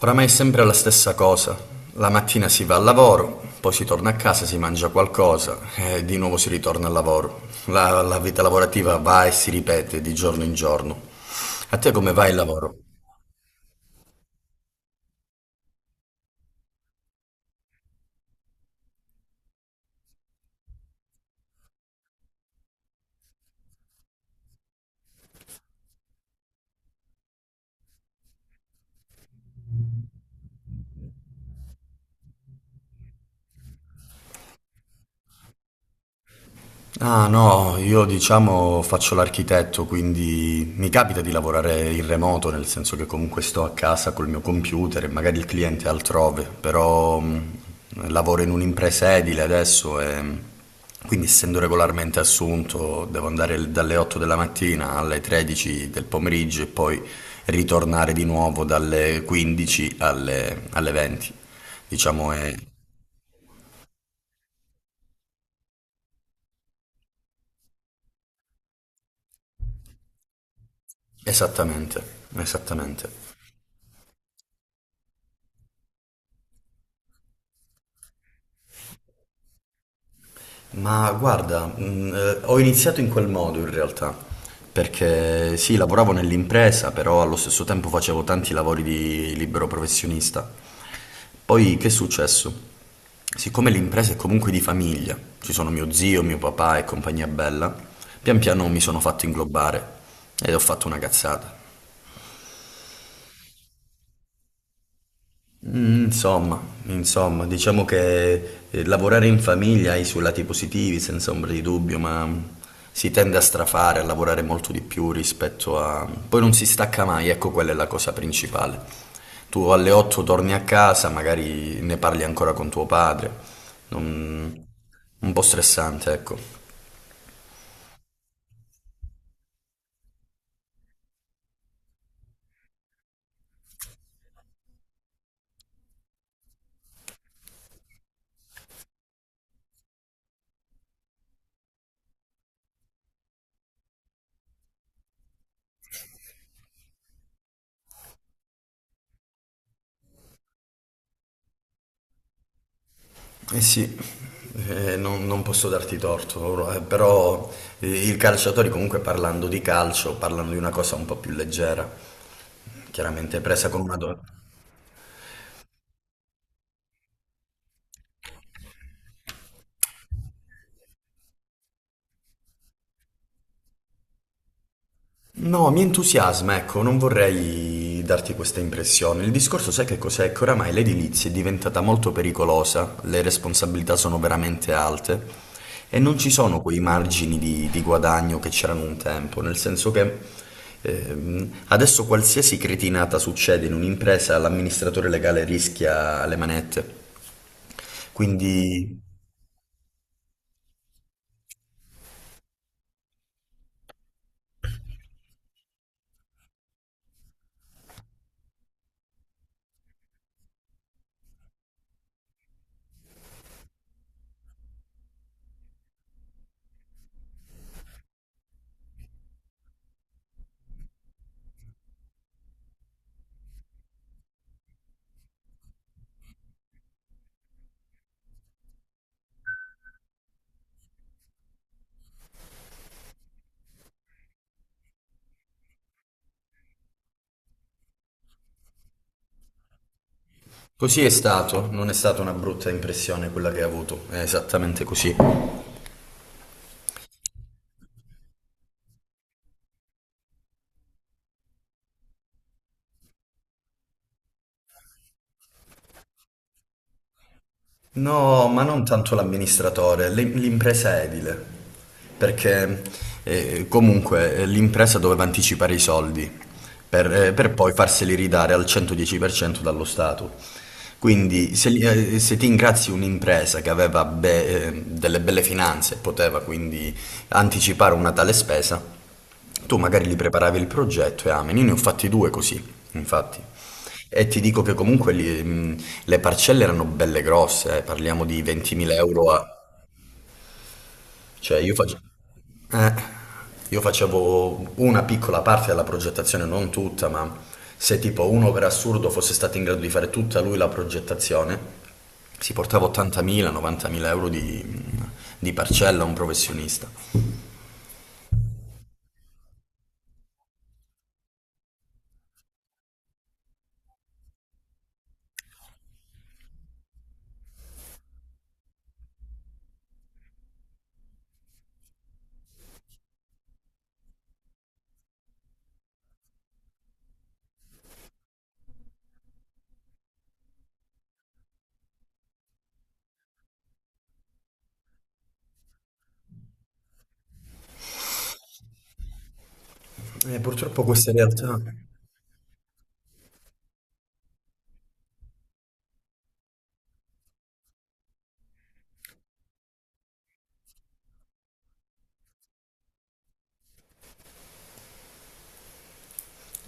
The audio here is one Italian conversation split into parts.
Oramai è sempre la stessa cosa. La mattina si va al lavoro, poi si torna a casa, si mangia qualcosa e di nuovo si ritorna al lavoro. La vita lavorativa va e si ripete di giorno in giorno. A te come va il lavoro? Ah no, io diciamo faccio l'architetto, quindi mi capita di lavorare in remoto, nel senso che comunque sto a casa col mio computer e magari il cliente è altrove, però lavoro in un'impresa edile adesso e quindi essendo regolarmente assunto devo andare dalle 8 della mattina alle 13 del pomeriggio e poi ritornare di nuovo dalle 15 alle 20. Diciamo è esattamente, esattamente. Ma guarda, ho iniziato in quel modo in realtà, perché sì, lavoravo nell'impresa, però allo stesso tempo facevo tanti lavori di libero professionista. Poi che è successo? Siccome l'impresa è comunque di famiglia, ci sono mio zio, mio papà e compagnia bella, pian piano mi sono fatto inglobare ed ho fatto una cazzata. Mm, insomma, diciamo che lavorare in famiglia ha i suoi lati positivi, senza ombra di dubbio, ma si tende a strafare, a lavorare molto di più rispetto a... Poi non si stacca mai, ecco quella è la cosa principale. Tu alle 8 torni a casa, magari ne parli ancora con tuo padre, non- un po' stressante, ecco. Eh sì, non posso darti torto, però i calciatori comunque parlando di calcio, parlano di una cosa un po' più leggera. Chiaramente presa con una donna. No, mi entusiasma, ecco, non vorrei darti questa impressione. Il discorso, sai che cos'è? Che oramai l'edilizia è diventata molto pericolosa, le responsabilità sono veramente alte e non ci sono quei margini di guadagno che c'erano un tempo, nel senso che adesso qualsiasi cretinata succede in un'impresa, l'amministratore legale rischia le manette. Quindi così è stato, non è stata una brutta impressione quella che hai avuto, è esattamente così. No, ma non tanto l'amministratore, l'impresa edile, perché comunque l'impresa doveva anticipare i soldi per poi farseli ridare al 110% dallo Stato. Quindi se ti ingrazi un'impresa che aveva delle belle finanze e poteva quindi anticipare una tale spesa, tu magari li preparavi il progetto e amen. Io ne ho fatti due così, infatti. E ti dico che comunque le parcelle erano belle grosse, eh. Parliamo di 20.000 euro a... Cioè io facevo... io facevo una piccola parte della progettazione, non tutta, ma se tipo uno per assurdo fosse stato in grado di fare tutta lui la progettazione, si portava 80.000, 90.000 euro di parcella a un professionista. E purtroppo queste realtà...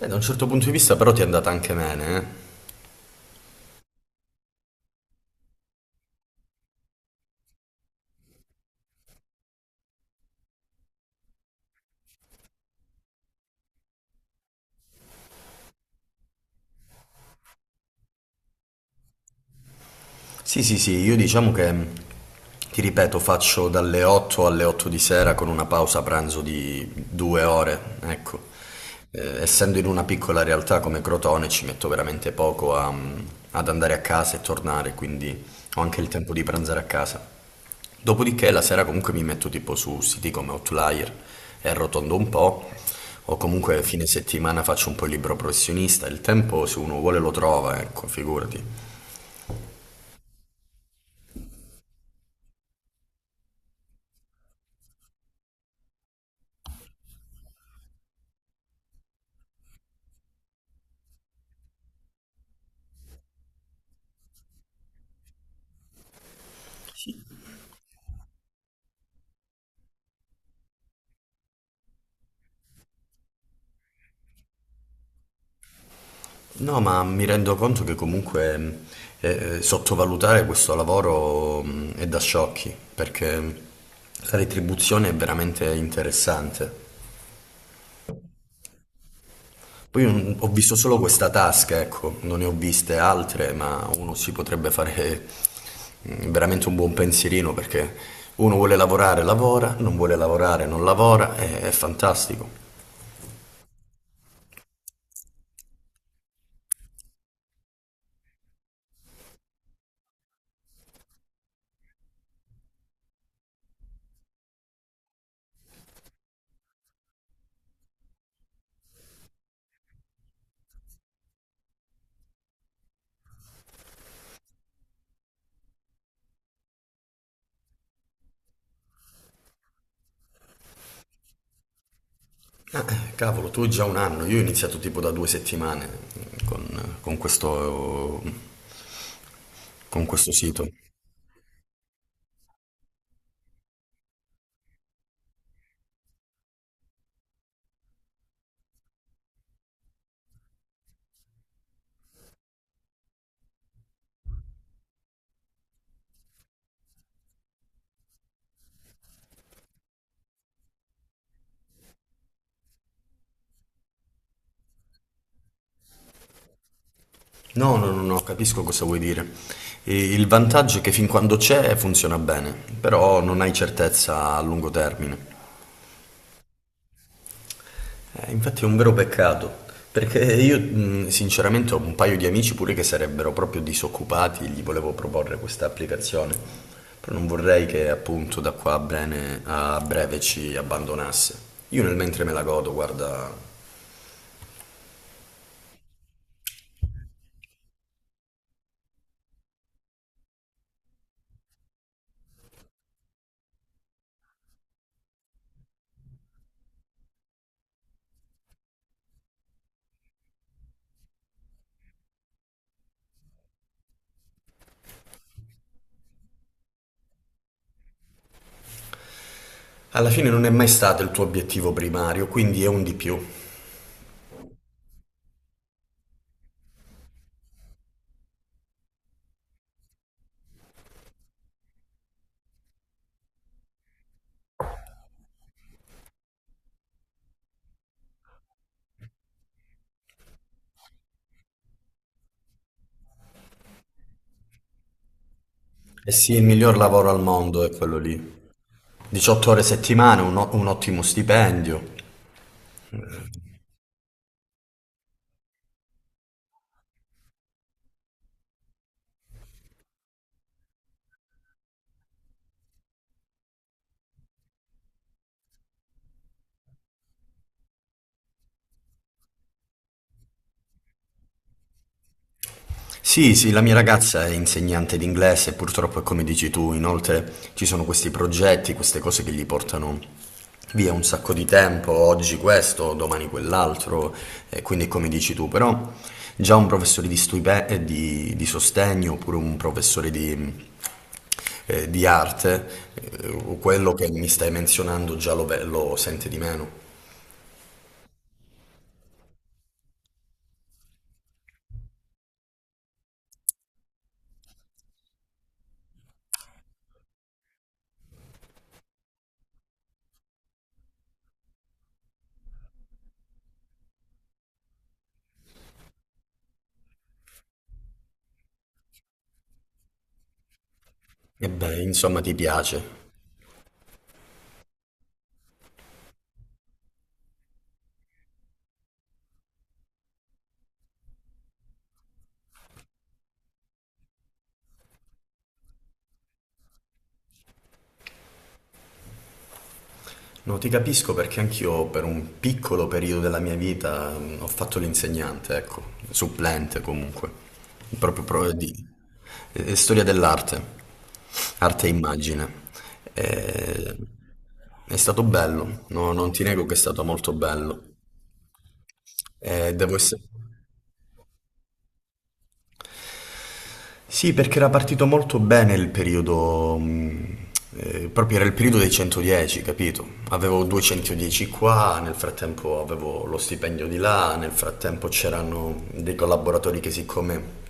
Da un certo punto di vista però ti è andata anche bene, eh. Sì, sì, sì, io diciamo che, ti ripeto, faccio dalle 8 alle 8 di sera con una pausa pranzo di due ore, ecco. Essendo in una piccola realtà come Crotone ci metto veramente ad andare a casa e tornare, quindi ho anche il tempo di pranzare a casa. Dopodiché la sera comunque mi metto tipo su siti come Outlier e arrotondo un po', o comunque fine settimana faccio un po' il libro professionista, il tempo se uno vuole lo trova, ecco, figurati. No, ma mi rendo conto che comunque eh, sottovalutare questo lavoro è da sciocchi, perché la retribuzione è veramente interessante. Ho visto solo questa tasca, ecco, non ne ho viste altre, ma uno si potrebbe fare veramente un buon pensierino perché uno vuole lavorare, lavora, non vuole lavorare, non lavora, è fantastico. Cavolo, tu già un anno, io ho iniziato tipo da due settimane mm, con, con questo, con questo sito. No, no, no, no, capisco cosa vuoi dire. E il vantaggio è che fin quando c'è funziona bene, però non hai certezza a lungo termine. Infatti è un vero peccato, perché io sinceramente ho un paio di amici pure che sarebbero proprio disoccupati, e gli volevo proporre questa applicazione, però non vorrei che appunto da qua a breve ci abbandonasse. Io nel mentre me la godo, guarda, alla fine non è mai stato il tuo obiettivo primario, quindi è un di più. E sì, il miglior lavoro al mondo è quello lì. 18 ore a settimana, un ottimo stipendio. Sì, sì, la mia ragazza è insegnante di inglese, purtroppo è come dici tu, inoltre ci sono questi progetti, queste cose che gli portano via un sacco di tempo, oggi questo, domani quell'altro, e quindi è come dici tu, però già un professore di sostegno oppure un professore di arte, quello che mi stai menzionando già lo sente di meno. E beh, insomma, ti piace. No, ti capisco perché anch'io per un piccolo periodo della mia vita ho fatto l'insegnante, ecco, supplente comunque, proprio pro- di storia dell'arte, arte e immagine. Eh, è stato bello, no, non ti nego che è stato molto bello. Devo essere... Sì, perché era partito molto bene il periodo, proprio era il periodo dei 110, capito? Avevo 210 qua, nel frattempo avevo lo stipendio di là, nel frattempo c'erano dei collaboratori che siccome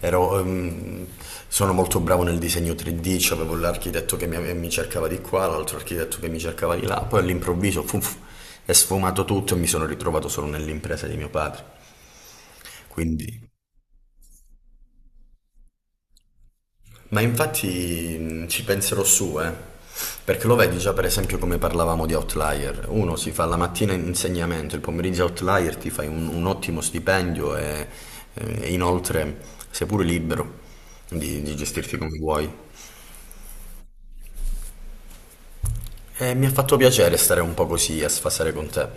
ero, ehm, sono molto bravo nel disegno 3D, cioè avevo l'architetto che mi cercava di qua, l'altro architetto che mi cercava di là, poi all'improvviso fuf, è sfumato tutto e mi sono ritrovato solo nell'impresa di mio padre. Quindi... Ma infatti ci penserò su, eh. Perché lo vedi già per esempio come parlavamo di outlier. Uno si fa la mattina in insegnamento, il pomeriggio outlier ti fai un ottimo stipendio e inoltre sei pure libero di gestirti come vuoi. E mi ha fatto piacere stare un po' così a sfasare con te.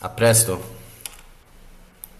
A presto!